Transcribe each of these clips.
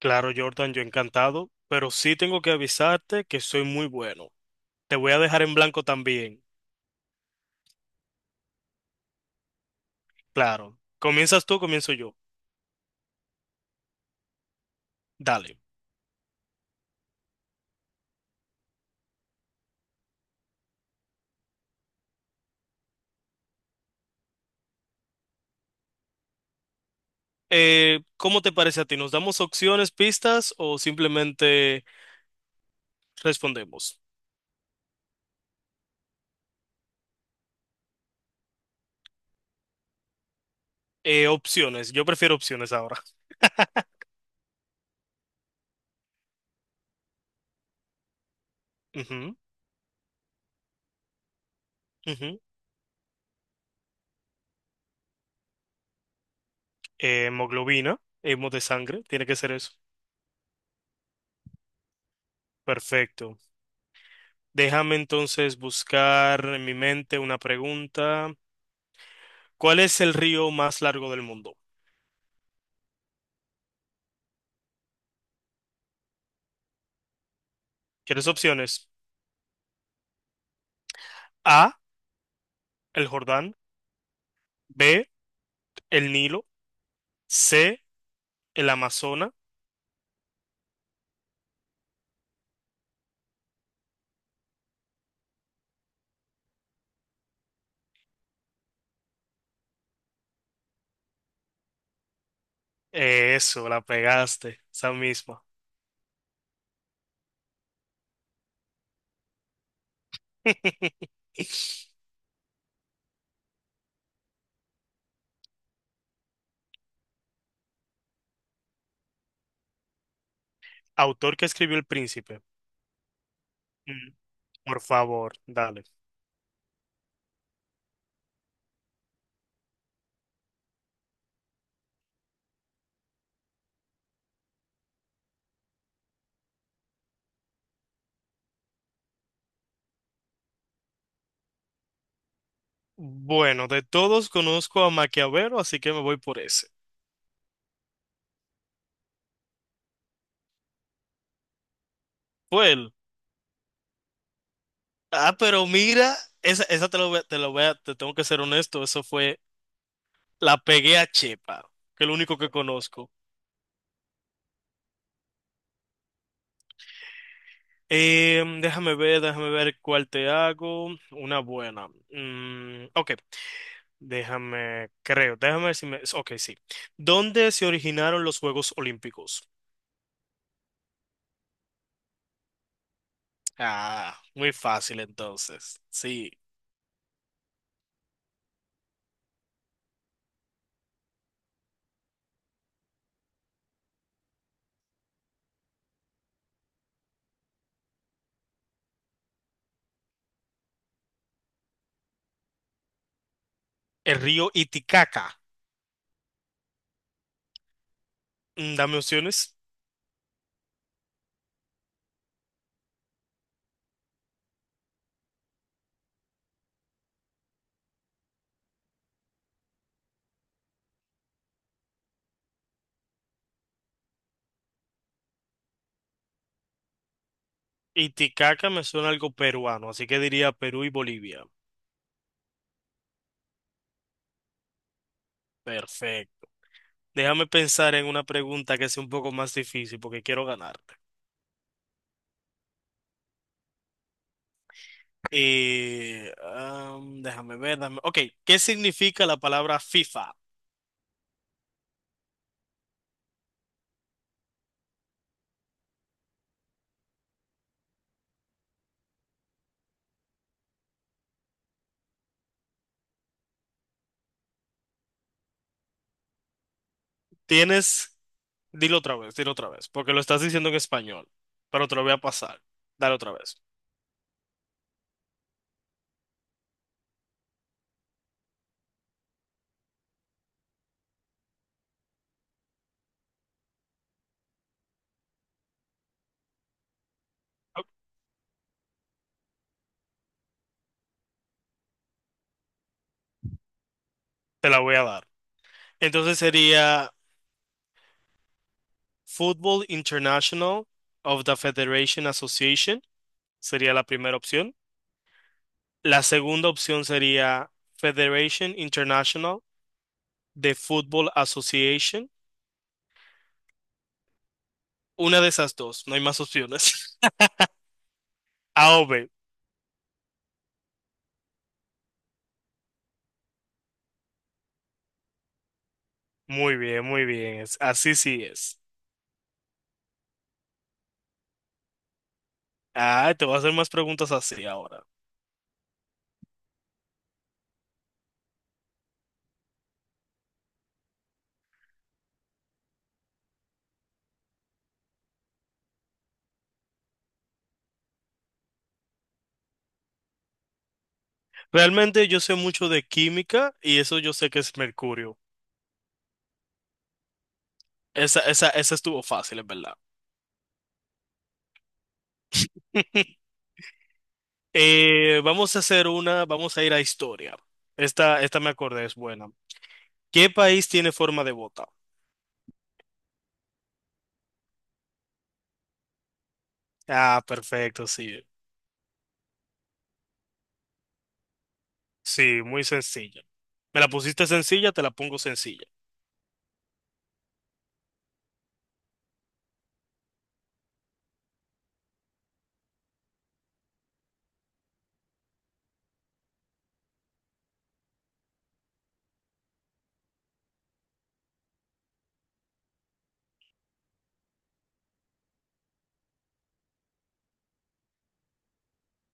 Claro, Jordan, yo encantado, pero sí tengo que avisarte que soy muy bueno. Te voy a dejar en blanco también. Claro. ¿Comienzas tú, comienzo yo? Dale. ¿Cómo te parece a ti? ¿Nos damos opciones, pistas o simplemente respondemos? Opciones. Yo prefiero opciones ahora. Ujú, ujú. Hemoglobina, hemo de sangre, tiene que ser eso. Perfecto. Déjame entonces buscar en mi mente una pregunta. ¿Cuál es el río más largo del mundo? ¿Quieres opciones? A, el Jordán, B, el Nilo, C, el Amazonas. Eso, la pegaste, esa misma. Autor que escribió El Príncipe. Mm, por favor, dale. Bueno, de todos conozco a Maquiavelo, así que me voy por ese. Fue él. Ah, pero mira, esa te lo voy a, te tengo que ser honesto, eso fue, la pegué a Chepa, que es lo único que conozco. Déjame ver, déjame ver cuál te hago. Una buena. Mm, ok. Déjame, creo, déjame ver si me... Ok, sí. ¿Dónde se originaron los Juegos Olímpicos? Ah, muy fácil entonces. Sí. El río Iticaca. Mm, dame opciones. Iticaca me suena algo peruano, así que diría Perú y Bolivia. Perfecto. Déjame pensar en una pregunta que sea un poco más difícil porque quiero ganarte. Déjame ver, ok, ¿qué significa la palabra FIFA? ¿Tienes dilo otra vez, dilo otra vez, porque lo estás diciendo en español, pero te lo voy a pasar. Dale otra vez. Te la voy a dar. Entonces sería Football International of the Federation Association, sería la primera opción. La segunda opción sería Federation International de Football Association. Una de esas dos, no hay más opciones. A o B. Muy bien, muy bien. Así sí es. Ah, te voy a hacer más preguntas así ahora. Realmente yo sé mucho de química y eso yo sé que es mercurio. Esa estuvo fácil, es verdad. Vamos a hacer una, vamos a ir a historia. Esta me acordé, es buena. ¿Qué país tiene forma de bota? Ah, perfecto, sí. Sí, muy sencilla. Me la pusiste sencilla, te la pongo sencilla.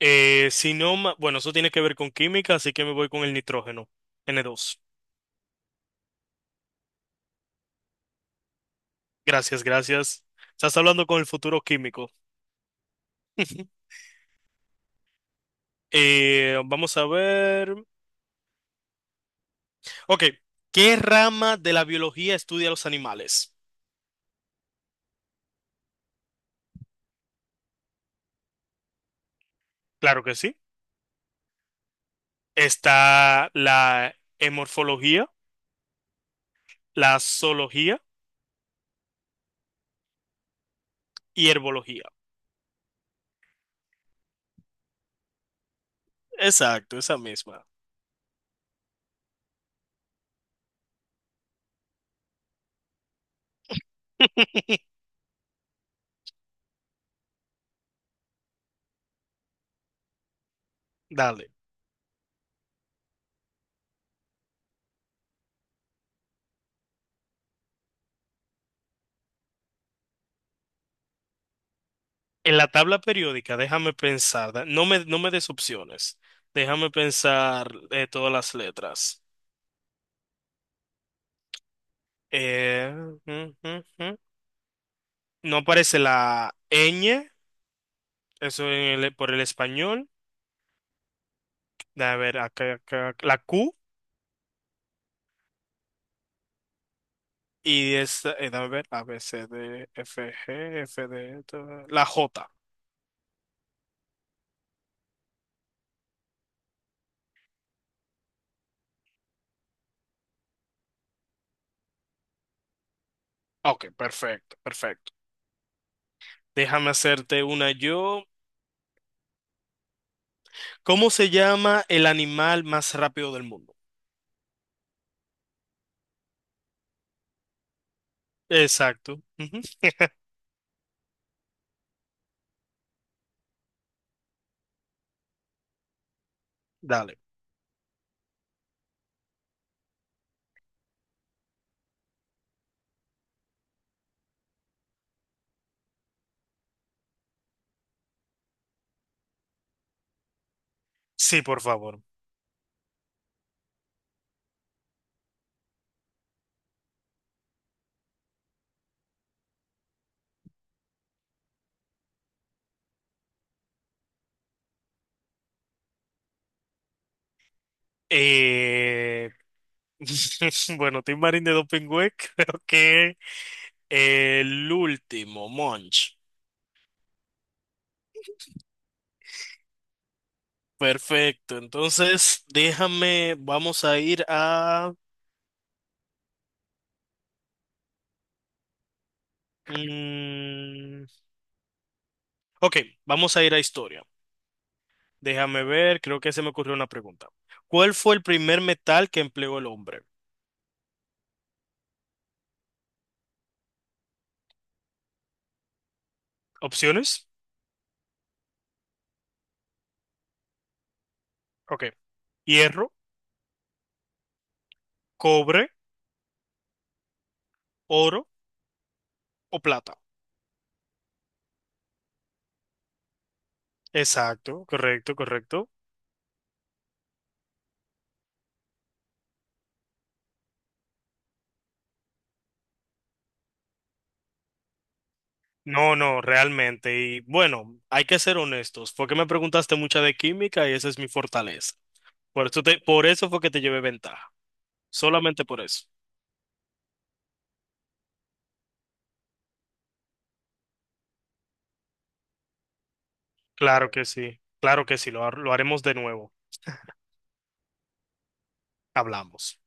Si no, bueno, eso tiene que ver con química, así que me voy con el nitrógeno, N2. Gracias, gracias. Estás hablando con el futuro químico. Vamos a ver. Ok, ¿qué rama de la biología estudia los animales? Claro que sí. Está la hemorfología, la zoología y herbología. Exacto, esa misma. Dale. En la tabla periódica, déjame pensar. No me, no me des opciones. Déjame pensar todas las letras. Eh, mm, mm, mm. No aparece la ñ, eso por el español. Déjame ver, acá, acá, la Q. Y es, déjame ver, A, B, C, D, F, G, F, D, la J. Ok, perfecto, perfecto. Déjame hacerte una yo. ¿Cómo se llama el animal más rápido del mundo? Exacto. Ujú. Dale. Sí, por favor. Eh, Bueno, Tim Marín de Dopingüe, creo que el último, Monch. Perfecto. Entonces, déjame, vamos a ir a... mm, ok, vamos a ir a historia. Déjame ver, creo que se me ocurrió una pregunta. ¿Cuál fue el primer metal que empleó el hombre? Opciones. Ok. Hierro, cobre, oro o plata. Exacto, correcto, correcto. No, no, realmente. Y bueno, hay que ser honestos, fue que me preguntaste mucha de química y esa es mi fortaleza. Por eso te, por eso fue que te llevé ventaja. Solamente por eso. Claro que sí, lo, lo haremos de nuevo. Hablamos.